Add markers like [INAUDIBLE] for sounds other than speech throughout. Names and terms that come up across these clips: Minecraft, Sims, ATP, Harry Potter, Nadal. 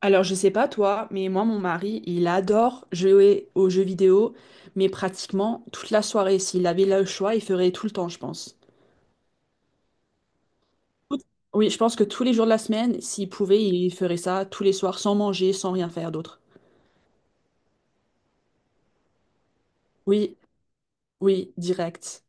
Alors, je sais pas toi, mais moi, mon mari, il adore jouer aux jeux vidéo, mais pratiquement toute la soirée. S'il avait le choix, il ferait tout le temps, je pense. Tout- Oui, je pense que tous les jours de la semaine, s'il pouvait, il ferait ça tous les soirs, sans manger, sans rien faire d'autre. Oui, oui, direct.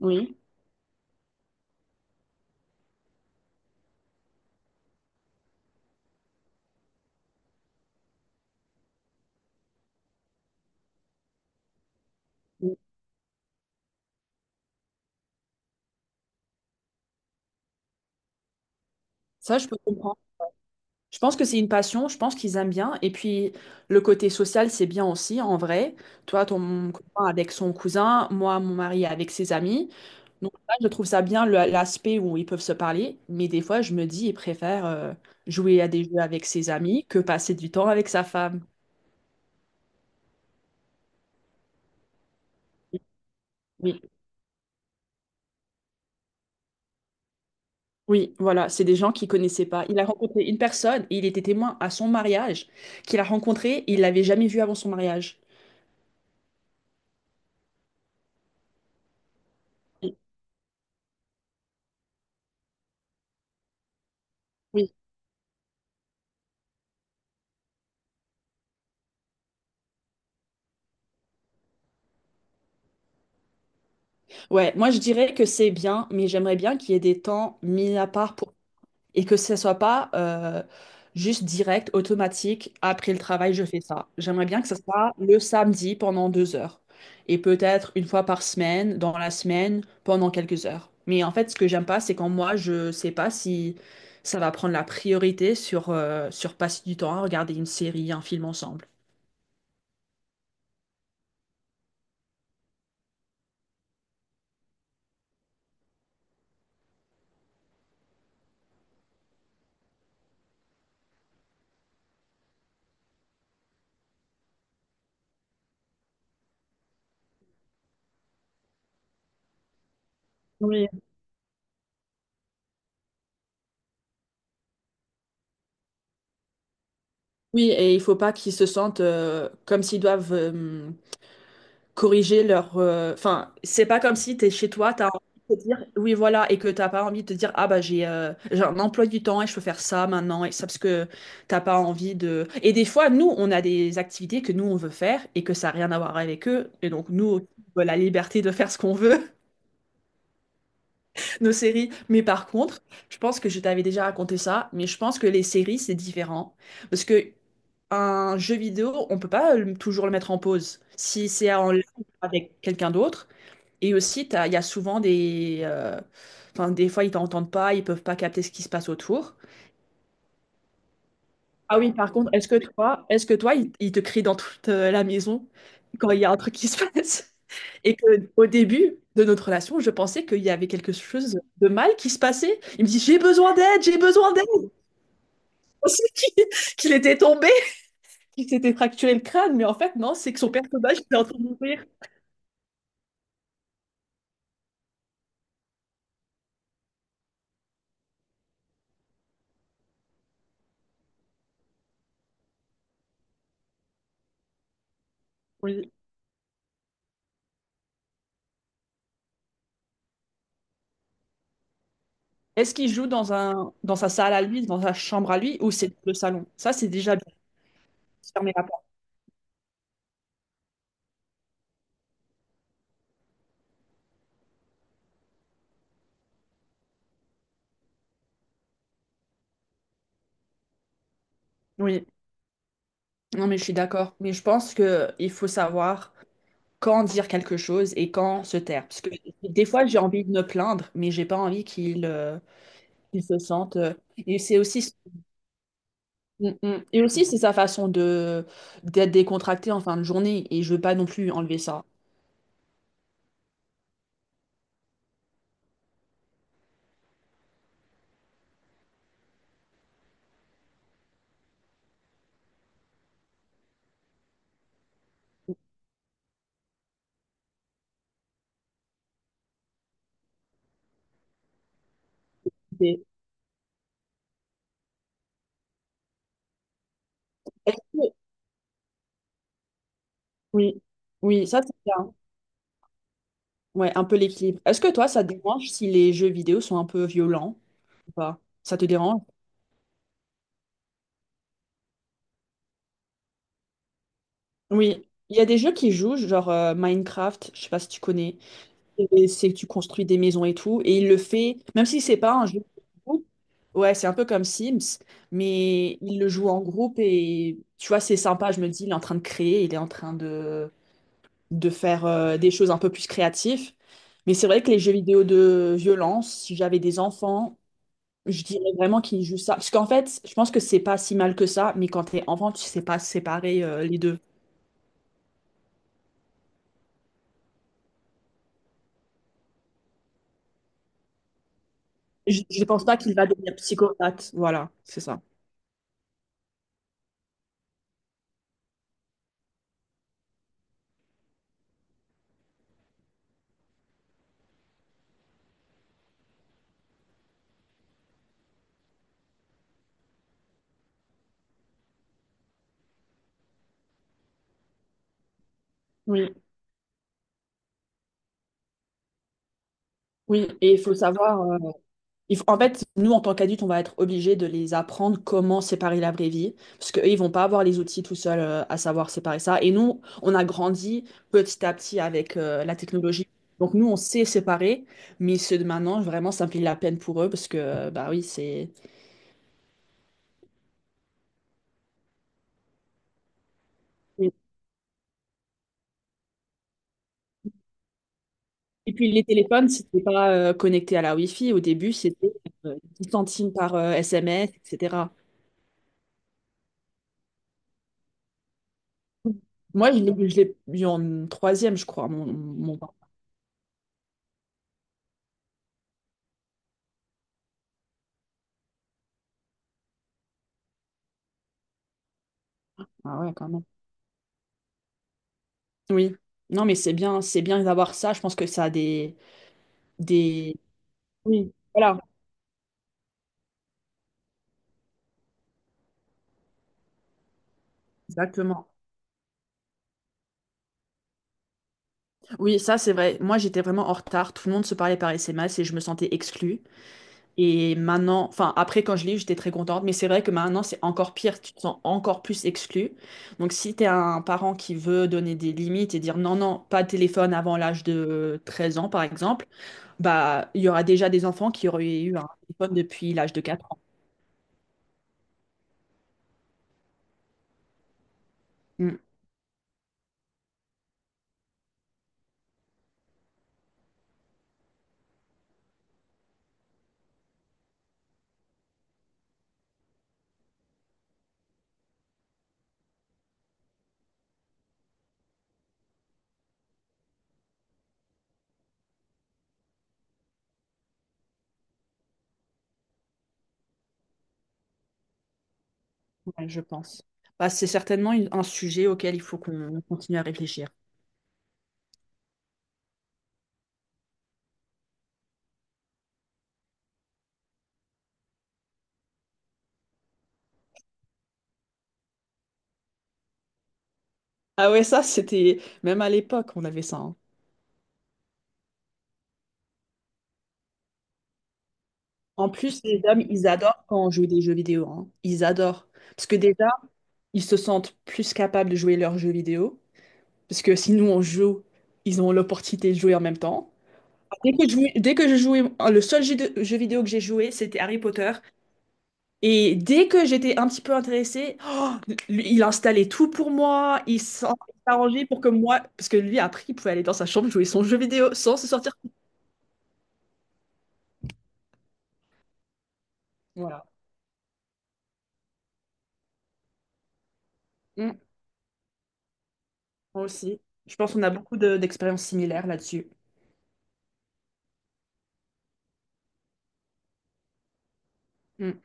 Oui, oui. Ça, je peux comprendre. Je pense que c'est une passion, je pense qu'ils aiment bien. Et puis, le côté social, c'est bien aussi, en vrai. Toi, ton copain avec son cousin, moi, mon mari avec ses amis. Donc là, je trouve ça bien l'aspect où ils peuvent se parler, mais des fois, je me dis, il préfère jouer à des jeux avec ses amis que passer du temps avec sa femme. Oui, oui, voilà, c'est des gens qu'il connaissait pas. Il a rencontré une personne et il était témoin à son mariage qu'il a rencontré, il l'avait jamais vu avant son mariage. Oui, oui. Ouais, moi je dirais que c'est bien, mais j'aimerais bien qu'il y ait des temps mis à part pour, et que ce soit pas juste direct, automatique, après le travail, je fais ça. J'aimerais bien que ce soit le samedi pendant 2 heures et peut-être une fois par semaine, dans la semaine, pendant quelques heures. Mais en fait, ce que j'aime pas, c'est quand moi, je sais pas si ça va prendre la priorité sur passer du temps à regarder une série, un film ensemble. Oui. Oui, et il faut pas qu'ils se sentent comme s'ils doivent corriger leur, enfin, c'est pas comme si tu es chez toi, oui, voilà, et que t'as pas envie de te dire, ah bah j'ai un emploi du temps et je peux faire ça maintenant et ça parce que t'as pas envie de. Et des fois, nous, on a des activités que nous on veut faire et que ça n'a rien à voir avec eux. Et donc, nous, on a la liberté de faire ce qu'on veut, [LAUGHS] nos séries. Mais par contre, je pense que je t'avais déjà raconté ça, mais je pense que les séries, c'est différent. Parce que un jeu vidéo, on peut pas toujours le mettre en pause. Si c'est en live avec quelqu'un d'autre, et aussi, il y a souvent enfin, des fois, ils t'entendent pas, ils peuvent pas capter ce qui se passe autour. Ah oui, par contre, est-ce que toi, ils te crient dans toute la maison quand il y a un truc qui se [LAUGHS] passe? Et que au début de notre relation, je pensais qu'il y avait quelque chose de mal qui se passait. Il me dit, j'ai besoin d'aide, j'ai besoin d'aide. Je pensais [LAUGHS] qu'il était tombé, qu'il s'était fracturé le crâne, mais en fait, non, c'est que son personnage était en train de mourir. Oui. Est-ce qu'il joue dans un, dans sa salle à lui, dans sa chambre à lui, ou c'est le salon? Ça, c'est déjà se fermer la porte. Oui, non, mais je suis d'accord. Mais je pense que il faut savoir quand dire quelque chose et quand se taire. Parce que des fois, j'ai envie de me plaindre, mais j'ai pas envie qu'il qu'il se sente. Et c'est aussi, mm, mm. Et aussi c'est sa façon de d'être décontracté en fin de journée. Et je veux pas non plus enlever ça. Et est-ce que- Oui, oui, ça c'est bien. Ouais, un peu l'équilibre. Est-ce que toi, ça te dérange si les jeux vidéo sont un peu violents ou pas? Ça te dérange? Oui, il y a des jeux qui jouent, genre Minecraft, je sais pas si tu connais, et c'est que tu construis des maisons et tout, et il le fait, même si c'est pas un jeu de groupe, ouais, c'est un peu comme Sims, mais il le joue en groupe et tu vois, c'est sympa, je me dis, il est en train de créer, il est en train de faire des choses un peu plus créatives, mais c'est vrai que les jeux vidéo de violence, si j'avais des enfants, je dirais vraiment qu'ils jouent ça, parce qu'en fait, je pense que c'est pas si mal que ça, mais quand t'es enfant, tu sais pas séparer les deux. Je ne pense pas qu'il va devenir psychopathe. Voilà, c'est ça. Oui, oui, et il faut savoir, en fait, nous en tant qu'adultes, on va être obligés de les apprendre comment séparer la vraie vie, parce qu'eux, ils vont pas avoir les outils tout seuls à savoir séparer ça. Et nous, on a grandi petit à petit avec la technologie. Donc nous, on sait séparer, mais ceux de maintenant, vraiment, ça me fait de la peine pour eux, parce que, bah oui, c'est... Et puis les téléphones, c'était pas connecté à la Wi-Fi. Au début, c'était 10 centimes par SMS, etc. Moi, je l'ai eu en troisième, je crois, mon bac. Ah ouais, quand même. Oui. Non, mais c'est bien d'avoir ça. Je pense que ça a des... Oui. Voilà, exactement. Oui, ça, c'est vrai. Moi, j'étais vraiment en retard. Tout le monde se parlait par SMS et je me sentais exclue. Et maintenant, enfin, après, quand je l'ai eu, j'étais très contente, mais c'est vrai que maintenant, c'est encore pire, tu te sens encore plus exclu. Donc, si tu es un parent qui veut donner des limites et dire non, non, pas de téléphone avant l'âge de 13 ans, par exemple, bah, il y aura déjà des enfants qui auraient eu un téléphone depuis l'âge de 4 ans. Mm. Ouais, je pense. Bah, c'est certainement un sujet auquel il faut qu'on continue à réfléchir. Ah ouais, ça, c'était... Même à l'époque, on avait ça, hein. En plus, les hommes, ils adorent quand on joue des jeux vidéo, hein. Ils adorent. Parce que déjà, ils se sentent plus capables de jouer leurs jeux vidéo. Parce que si nous, on joue, ils ont l'opportunité de jouer en même temps. Dès que je jouais, dès que je jouais, le seul jeu, jeu vidéo que j'ai joué, c'était Harry Potter. Et dès que j'étais un petit peu intéressée, oh, lui, il installait tout pour moi, il s'arrangeait pour que moi, parce que lui, après, il pouvait aller dans sa chambre jouer son jeu vidéo sans se sortir. Voilà. Mm. Moi aussi. Je pense qu'on a beaucoup d'expériences similaires là-dessus. Mm.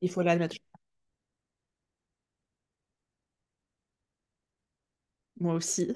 Il faut l'admettre. Moi aussi.